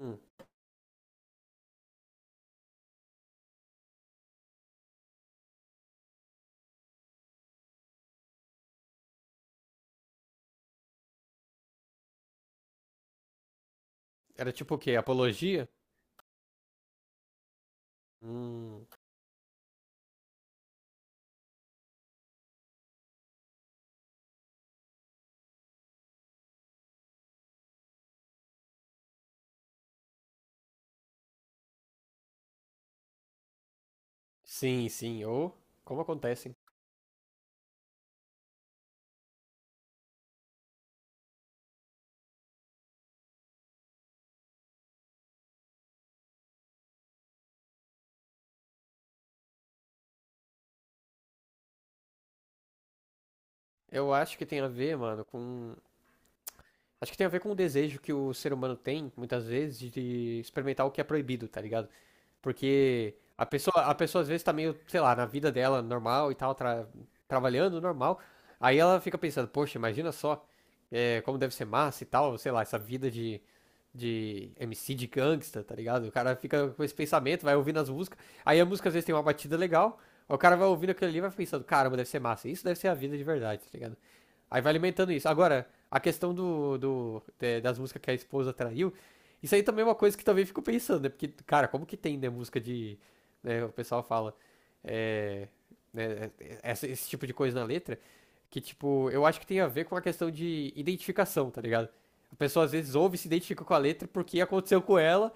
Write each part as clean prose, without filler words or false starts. Hum. Era tipo o quê? Apologia? Hum. Sim, sim. Ou como acontecem. Eu acho que tem a ver, mano, com. Acho que tem a ver com o desejo que o ser humano tem, muitas vezes, de experimentar o que é proibido, tá ligado? Porque a pessoa às vezes tá meio, sei lá, na vida dela normal e tal, trabalhando normal. Aí ela fica pensando, poxa, imagina só como deve ser massa e tal, sei lá, essa vida de MC de gangsta, tá ligado? O cara fica com esse pensamento, vai ouvindo as músicas. Aí a música às vezes tem uma batida legal, aí o cara vai ouvindo aquilo ali e vai pensando, caramba, deve ser massa. Isso deve ser a vida de verdade, tá ligado? Aí vai alimentando isso. Agora, a questão das músicas que a esposa traiu. Isso aí também é uma coisa que também fico pensando, né? Porque, cara, como que tem, né, música de. Né, o pessoal fala. é, né, esse tipo de coisa na letra, que, tipo, eu acho que tem a ver com a questão de identificação, tá ligado? A pessoa às vezes ouve e se identifica com a letra porque aconteceu com ela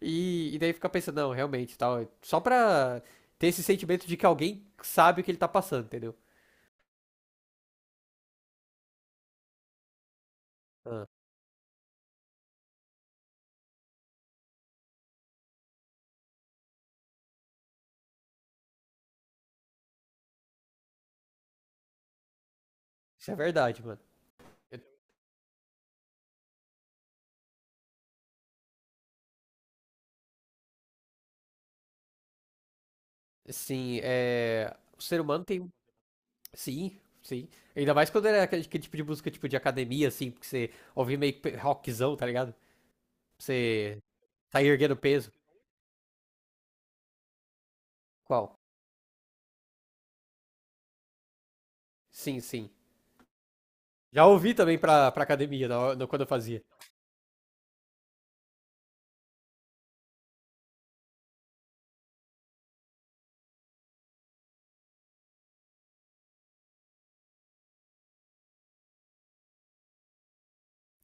e daí fica pensando, não, realmente, tal. Só pra ter esse sentimento de que alguém sabe o que ele tá passando, entendeu? Ah, isso é verdade, mano. Eu- Sim, é. O ser humano tem. Sim, sim. Ainda mais quando era aquele tipo de música tipo de academia, assim, porque você ouvia meio que rockzão, tá ligado? Você tá erguendo peso. Qual? Sim, sim. Já ouvi também pra academia na hora- no- quando eu fazia.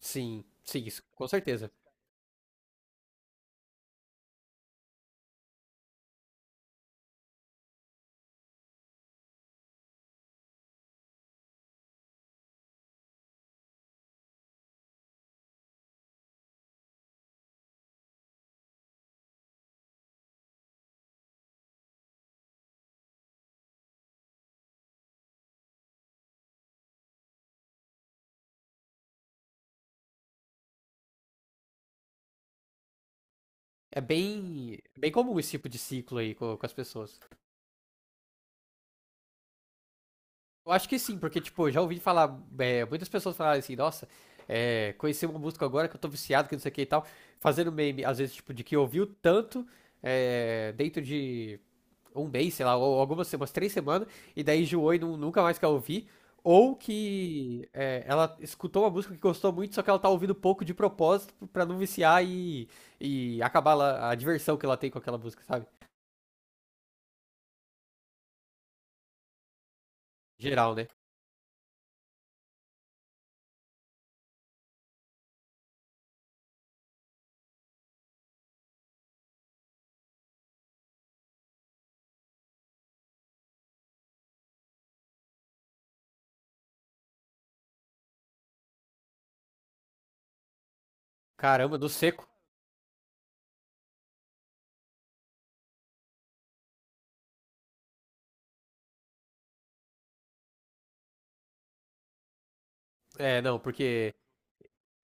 Sim, sim, isso, com certeza. É bem, bem comum esse tipo de ciclo aí com as pessoas. Eu acho que sim, porque, tipo, eu já ouvi falar, muitas pessoas falarem assim, nossa, conheci uma música agora que eu tô viciado, que não sei o que e tal, fazendo meme, às vezes, tipo, de que ouviu tanto, dentro de um mês, sei lá, ou algumas umas três semanas, e daí enjoou e nunca mais quer ouvir. Ou que é, ela escutou uma música que gostou muito, só que ela tá ouvindo pouco de propósito pra não viciar e a diversão que ela tem com aquela música, sabe? Geral, né? Caramba, no seco. É, não, porque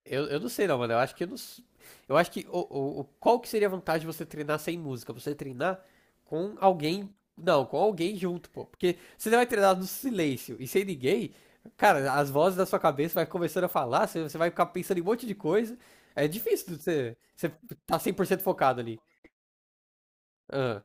eu não sei não, mano. Eu acho que eu não. Eu acho que qual que seria a vantagem de você treinar sem música? Você treinar com alguém, não, com alguém junto, pô. Porque se você vai treinar no silêncio e sem ninguém, cara, as vozes da sua cabeça vai começando a falar, você vai ficar pensando em um monte de coisa. É difícil de você tá cem por cento focado ali. Ah,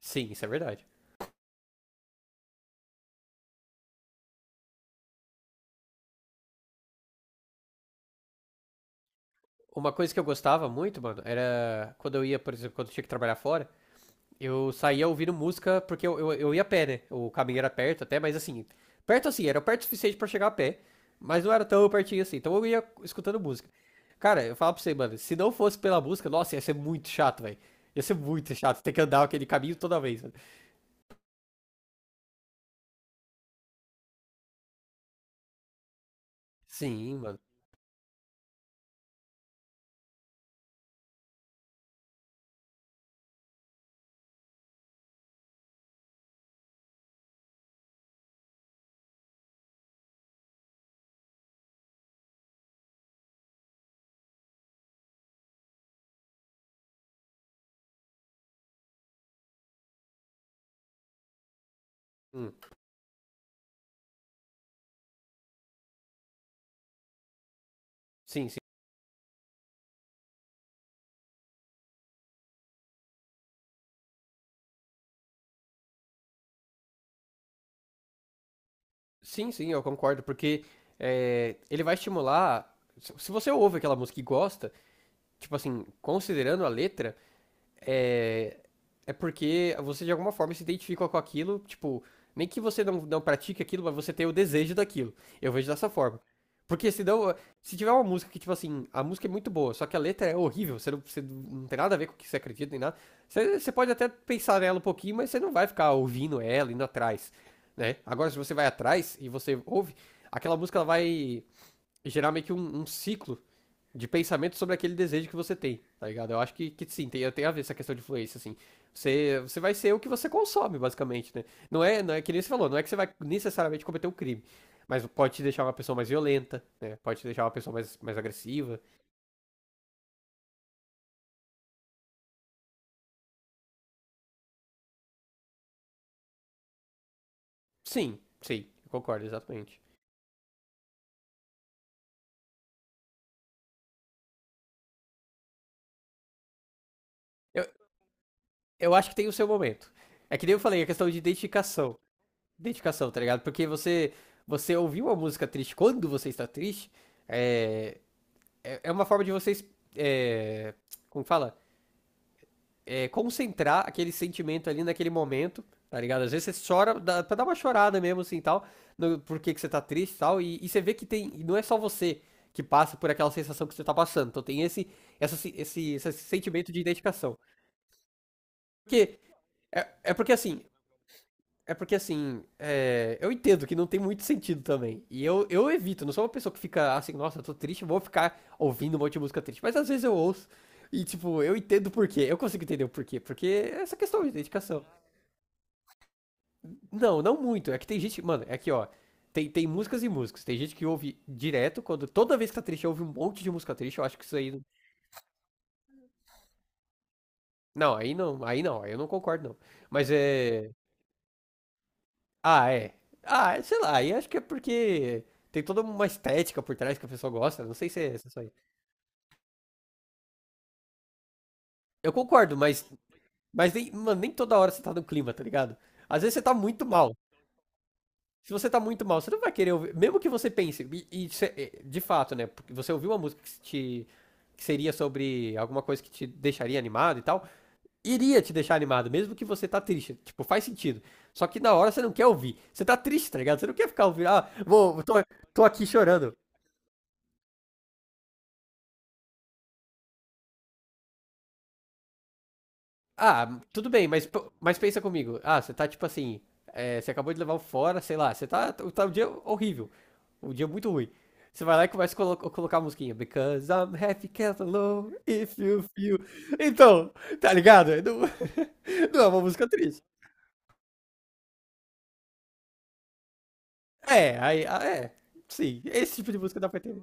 sim, isso é verdade. Uma coisa que eu gostava muito, mano, era quando eu ia, por exemplo, quando eu tinha que trabalhar fora, eu saía ouvindo música, porque eu ia a pé, né? O caminho era perto até, mas assim, perto assim, era perto o suficiente pra chegar a pé, mas não era tão pertinho assim, então eu ia escutando música. Cara, eu falo pra você, mano, se não fosse pela música, nossa, ia ser muito chato, velho. Ia ser muito chato ter que andar aquele caminho toda vez, mano. Sim, mano. Hum. Sim, sim. Sim, sim, eu concordo, porque é, ele vai estimular. Se você ouve aquela música e gosta, tipo assim, considerando a letra, é, é porque você de alguma forma se identifica com aquilo, tipo, nem que você não pratique aquilo, mas você tem o desejo daquilo. Eu vejo dessa forma. Porque se não, se tiver uma música que, tipo assim, a música é muito boa, só que a letra é horrível, você não tem nada a ver com o que você acredita nem nada, você pode até pensar nela um pouquinho, mas você não vai ficar ouvindo ela, indo atrás, né? Agora, se você vai atrás e você ouve, aquela música ela vai gerar meio que um ciclo de pensamento sobre aquele desejo que você tem, tá ligado? Eu acho que sim, tem, tem a ver essa questão de influência, assim. Você vai ser o que você consome, basicamente, né? Não é que nem você falou, não é que você vai necessariamente cometer um crime. Mas pode te deixar uma pessoa mais violenta, né? Pode te deixar uma pessoa mais, mais agressiva. Sim, sim, eu concordo, exatamente. Eu, eu acho que tem o seu momento. É que nem eu falei, a questão de identificação. Identificação, tá ligado? Porque você, você ouvir uma música triste quando você está triste é, é uma forma de vocês. É, como fala? É, concentrar aquele sentimento ali naquele momento, tá ligado? Às vezes você chora dá, pra dar uma chorada mesmo, assim, tal, no, por que que você tá triste tal, e tal, e você vê que tem, não é só você que passa por aquela sensação que você tá passando, então tem esse sentimento de identificação. Porque, é porque assim, é porque assim, é, eu entendo que não tem muito sentido também, e eu evito, não sou uma pessoa que fica assim, nossa, eu tô triste, vou ficar ouvindo um monte de música triste, mas às vezes eu ouço, e, tipo, eu entendo por quê. Eu consigo entender o porquê. Porque é essa questão de dedicação. Não, não muito. É que tem gente. Mano, é que, ó. Tem, tem músicas e músicas. Tem gente que ouve direto, quando toda vez que tá triste, ouve um monte de música triste. Eu acho que isso aí. Não, aí não, aí não, aí eu não concordo, não. Mas é. Ah, é. Ah, é, sei lá, aí acho que é porque tem toda uma estética por trás que a pessoa gosta. Não sei se é essa só aí. Eu concordo, mas nem, mano, nem toda hora você tá no clima, tá ligado? Às vezes você tá muito mal. Se você tá muito mal, você não vai querer ouvir. Mesmo que você pense, e de fato, né? Porque você ouviu uma música que te. Que seria sobre alguma coisa que te deixaria animado e tal. Iria te deixar animado, mesmo que você tá triste. Tipo, faz sentido. Só que na hora você não quer ouvir. Você tá triste, tá ligado? Você não quer ficar ouvindo. Tô aqui chorando. Ah, tudo bem, mas, mas pensa comigo. Ah, você tá tipo assim. É, você acabou de levar um fora, sei lá. Tá um dia horrível. Um dia muito ruim. Você vai lá e começa a colocar a musiquinha. Because I'm happy, can't alone, if you feel. Então, tá ligado? Não, não é uma música triste. É, aí, ah, é. Sim, esse tipo de música dá pra ter.